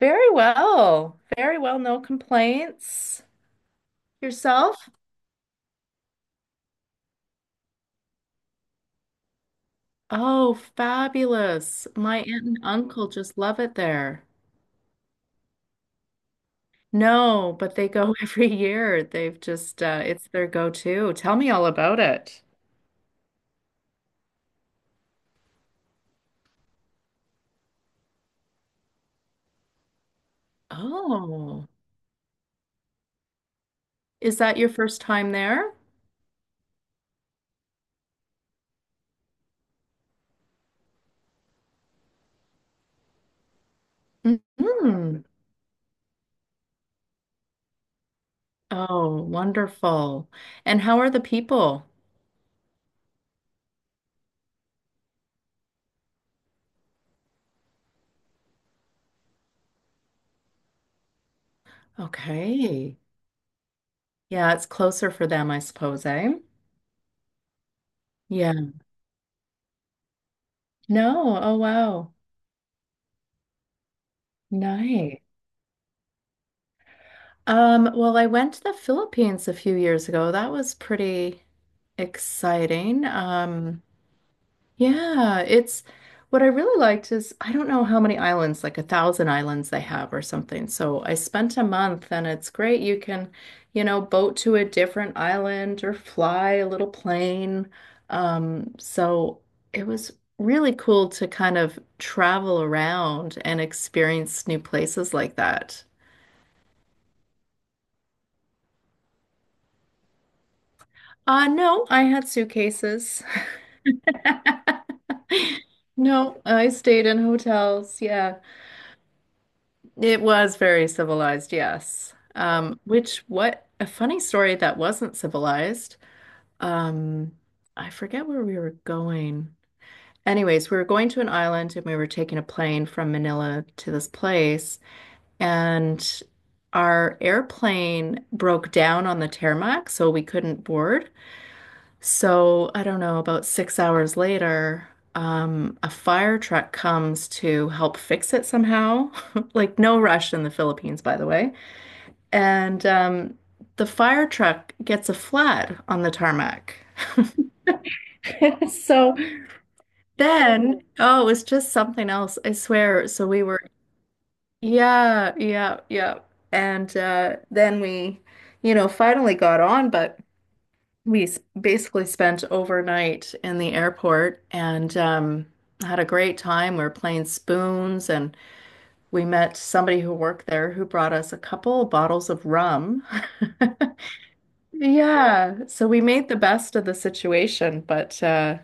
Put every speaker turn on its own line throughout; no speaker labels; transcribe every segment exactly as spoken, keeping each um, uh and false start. Very well. Very well. No complaints. Yourself? Oh, fabulous. My aunt and uncle just love it there. No, but they go every year. They've just, uh, it's their go-to. Tell me all about it. Oh, is that your first time there? Hmm. Oh, wonderful. And how are the people? Okay. Yeah, it's closer for them, I suppose, eh? Yeah. No. Oh, wow. Nice. Um, well, I went to the Philippines a few years ago. That was pretty exciting. Um, yeah, it's what I really liked is I don't know how many islands, like a thousand islands they have or something. So I spent a month and it's great. You can, you know, boat to a different island or fly a little plane. Um, so it was really cool to kind of travel around and experience new places like that. Uh, no, I had suitcases. No, I stayed in hotels. Yeah. It was very civilized, yes. Um, which what a funny story that wasn't civilized. Um, I forget where we were going. Anyways, we were going to an island and we were taking a plane from Manila to this place, and our airplane broke down on the tarmac, so we couldn't board. So, I don't know, about six hours later, um, a fire truck comes to help fix it somehow. Like, no rush in the Philippines, by the way. And um, the fire truck gets a flat on the tarmac. So then, oh, it was just something else, I swear. So we were, yeah, yeah, yeah. And uh, then we, you know, finally got on, but we s- basically spent overnight in the airport and um, had a great time. We were playing spoons, and we met somebody who worked there who brought us a couple bottles of rum. Yeah, so we made the best of the situation, but uh,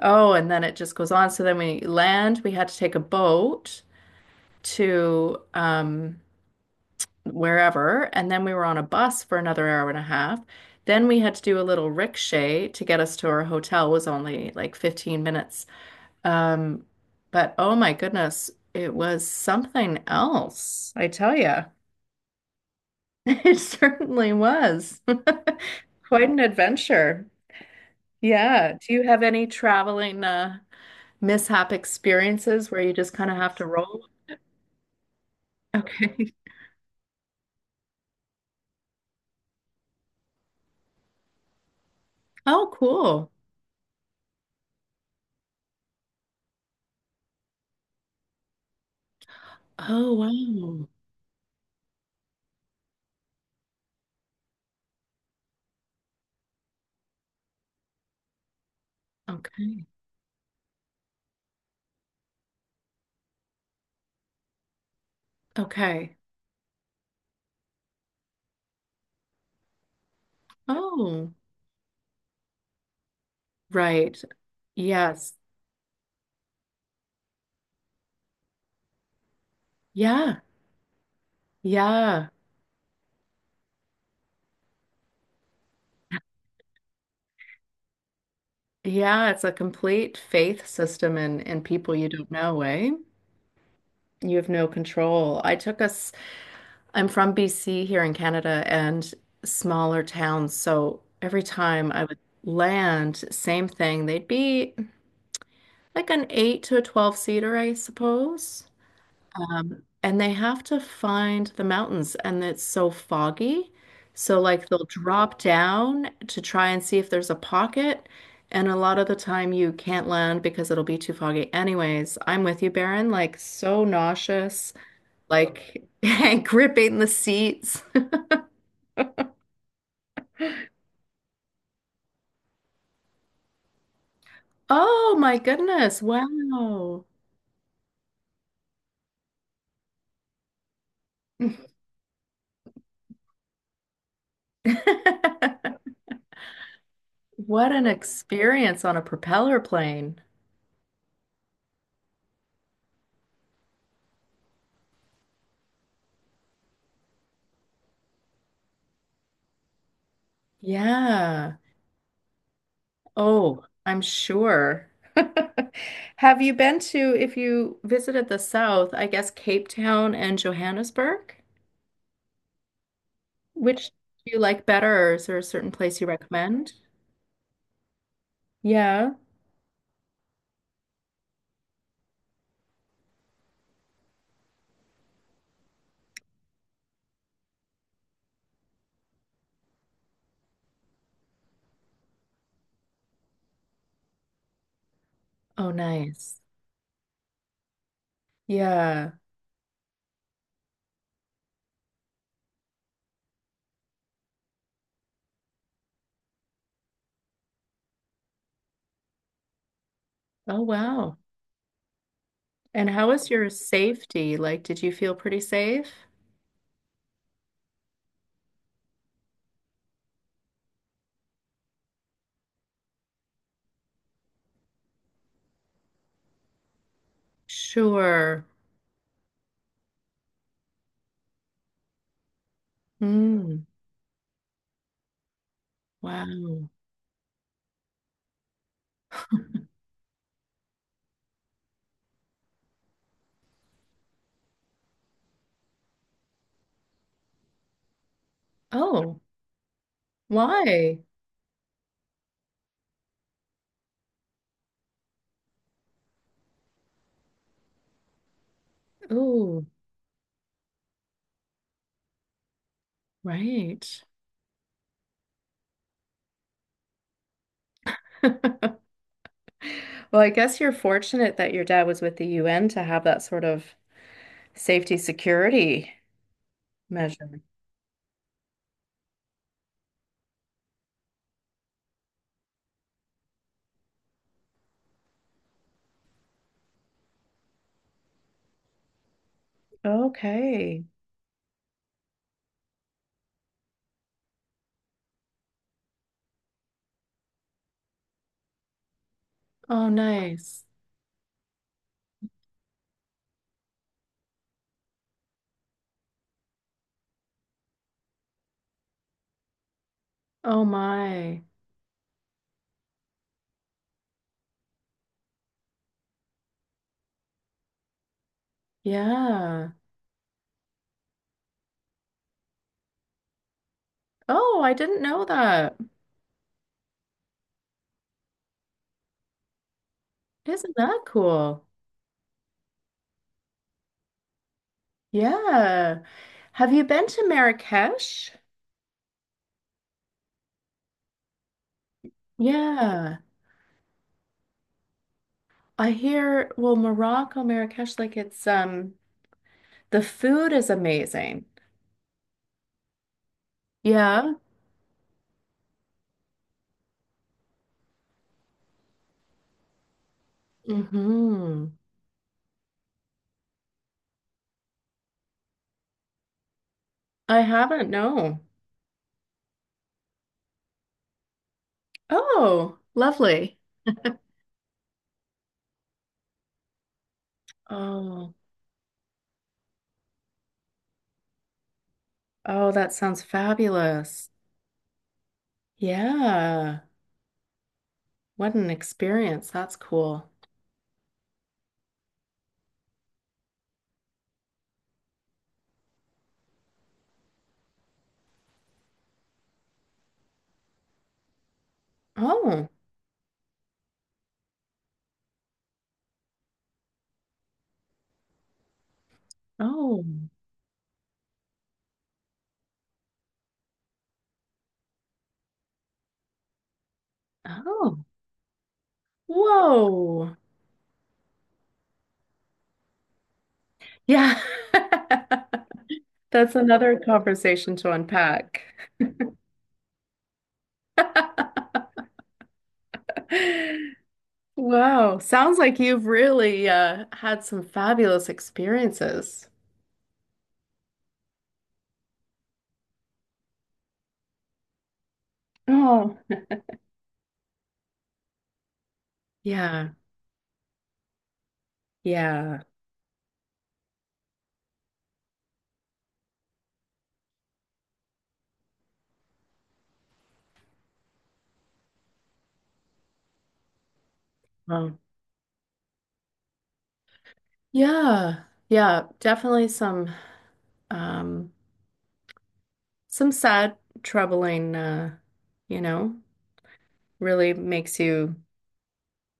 oh, and then it just goes on. So then we land, we had to take a boat to um, wherever. And then we were on a bus for another hour and a half. Then we had to do a little rickshaw to get us to our hotel. It was only like fifteen minutes. Um, but oh my goodness, it was something else, I tell you. It certainly was. Quite an adventure. Yeah. Do you have any traveling uh, mishap experiences where you just kind of have to roll? Okay. Oh, cool. Oh, wow. Okay. Okay. Oh, right. Yes. Yeah. Yeah. Yeah. It's a complete faith system and and people you don't know, eh? You have no control. I took us, I'm from B C here in Canada and smaller towns. So every time I would land, same thing. They'd be like an eight to a twelve seater, I suppose. And they have to find the mountains, and it's so foggy. So, like, they'll drop down to try and see if there's a pocket. And a lot of the time, you can't land because it'll be too foggy. Anyways, I'm with you, Baron. Like, so nauseous, like, and gripping the seats. Oh my goodness. Wow. What an experience on a propeller plane. Yeah. Oh, I'm sure. Have you been to, if you visited the South, I guess Cape Town and Johannesburg? Which do you like better, or is there a certain place you recommend? Yeah. Oh, nice. Yeah. Oh, wow. And how was your safety? Like, did you feel pretty safe? Sure. Mm, wow. Oh, why? Oh, right. Well, I guess you're fortunate that your dad was with the U N to have that sort of safety security measure. Okay. Oh, nice. Oh my. Yeah. Oh, I didn't know that. Isn't that cool? Yeah. Have you been to Marrakesh? Yeah. I hear, well, Morocco, Marrakesh, like it's um the food is amazing. Yeah. Mm-hmm. I haven't, no. Oh, lovely. Oh, oh, that sounds fabulous. Yeah. What an experience. That's cool. Oh, oh, oh. Whoa. Yeah. That's another conversation to unpack. Wow. Sounds like you've really uh, had some fabulous experiences. Oh, yeah. Yeah. Um, yeah. Yeah. Definitely some um some sad, troubling, uh, you know, really makes you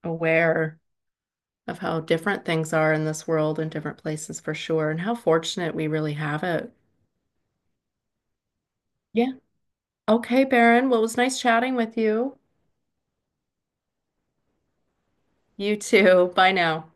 aware of how different things are in this world and different places for sure, and how fortunate we really have it. Yeah. Okay, Baron. Well, it was nice chatting with you. You too. Bye now.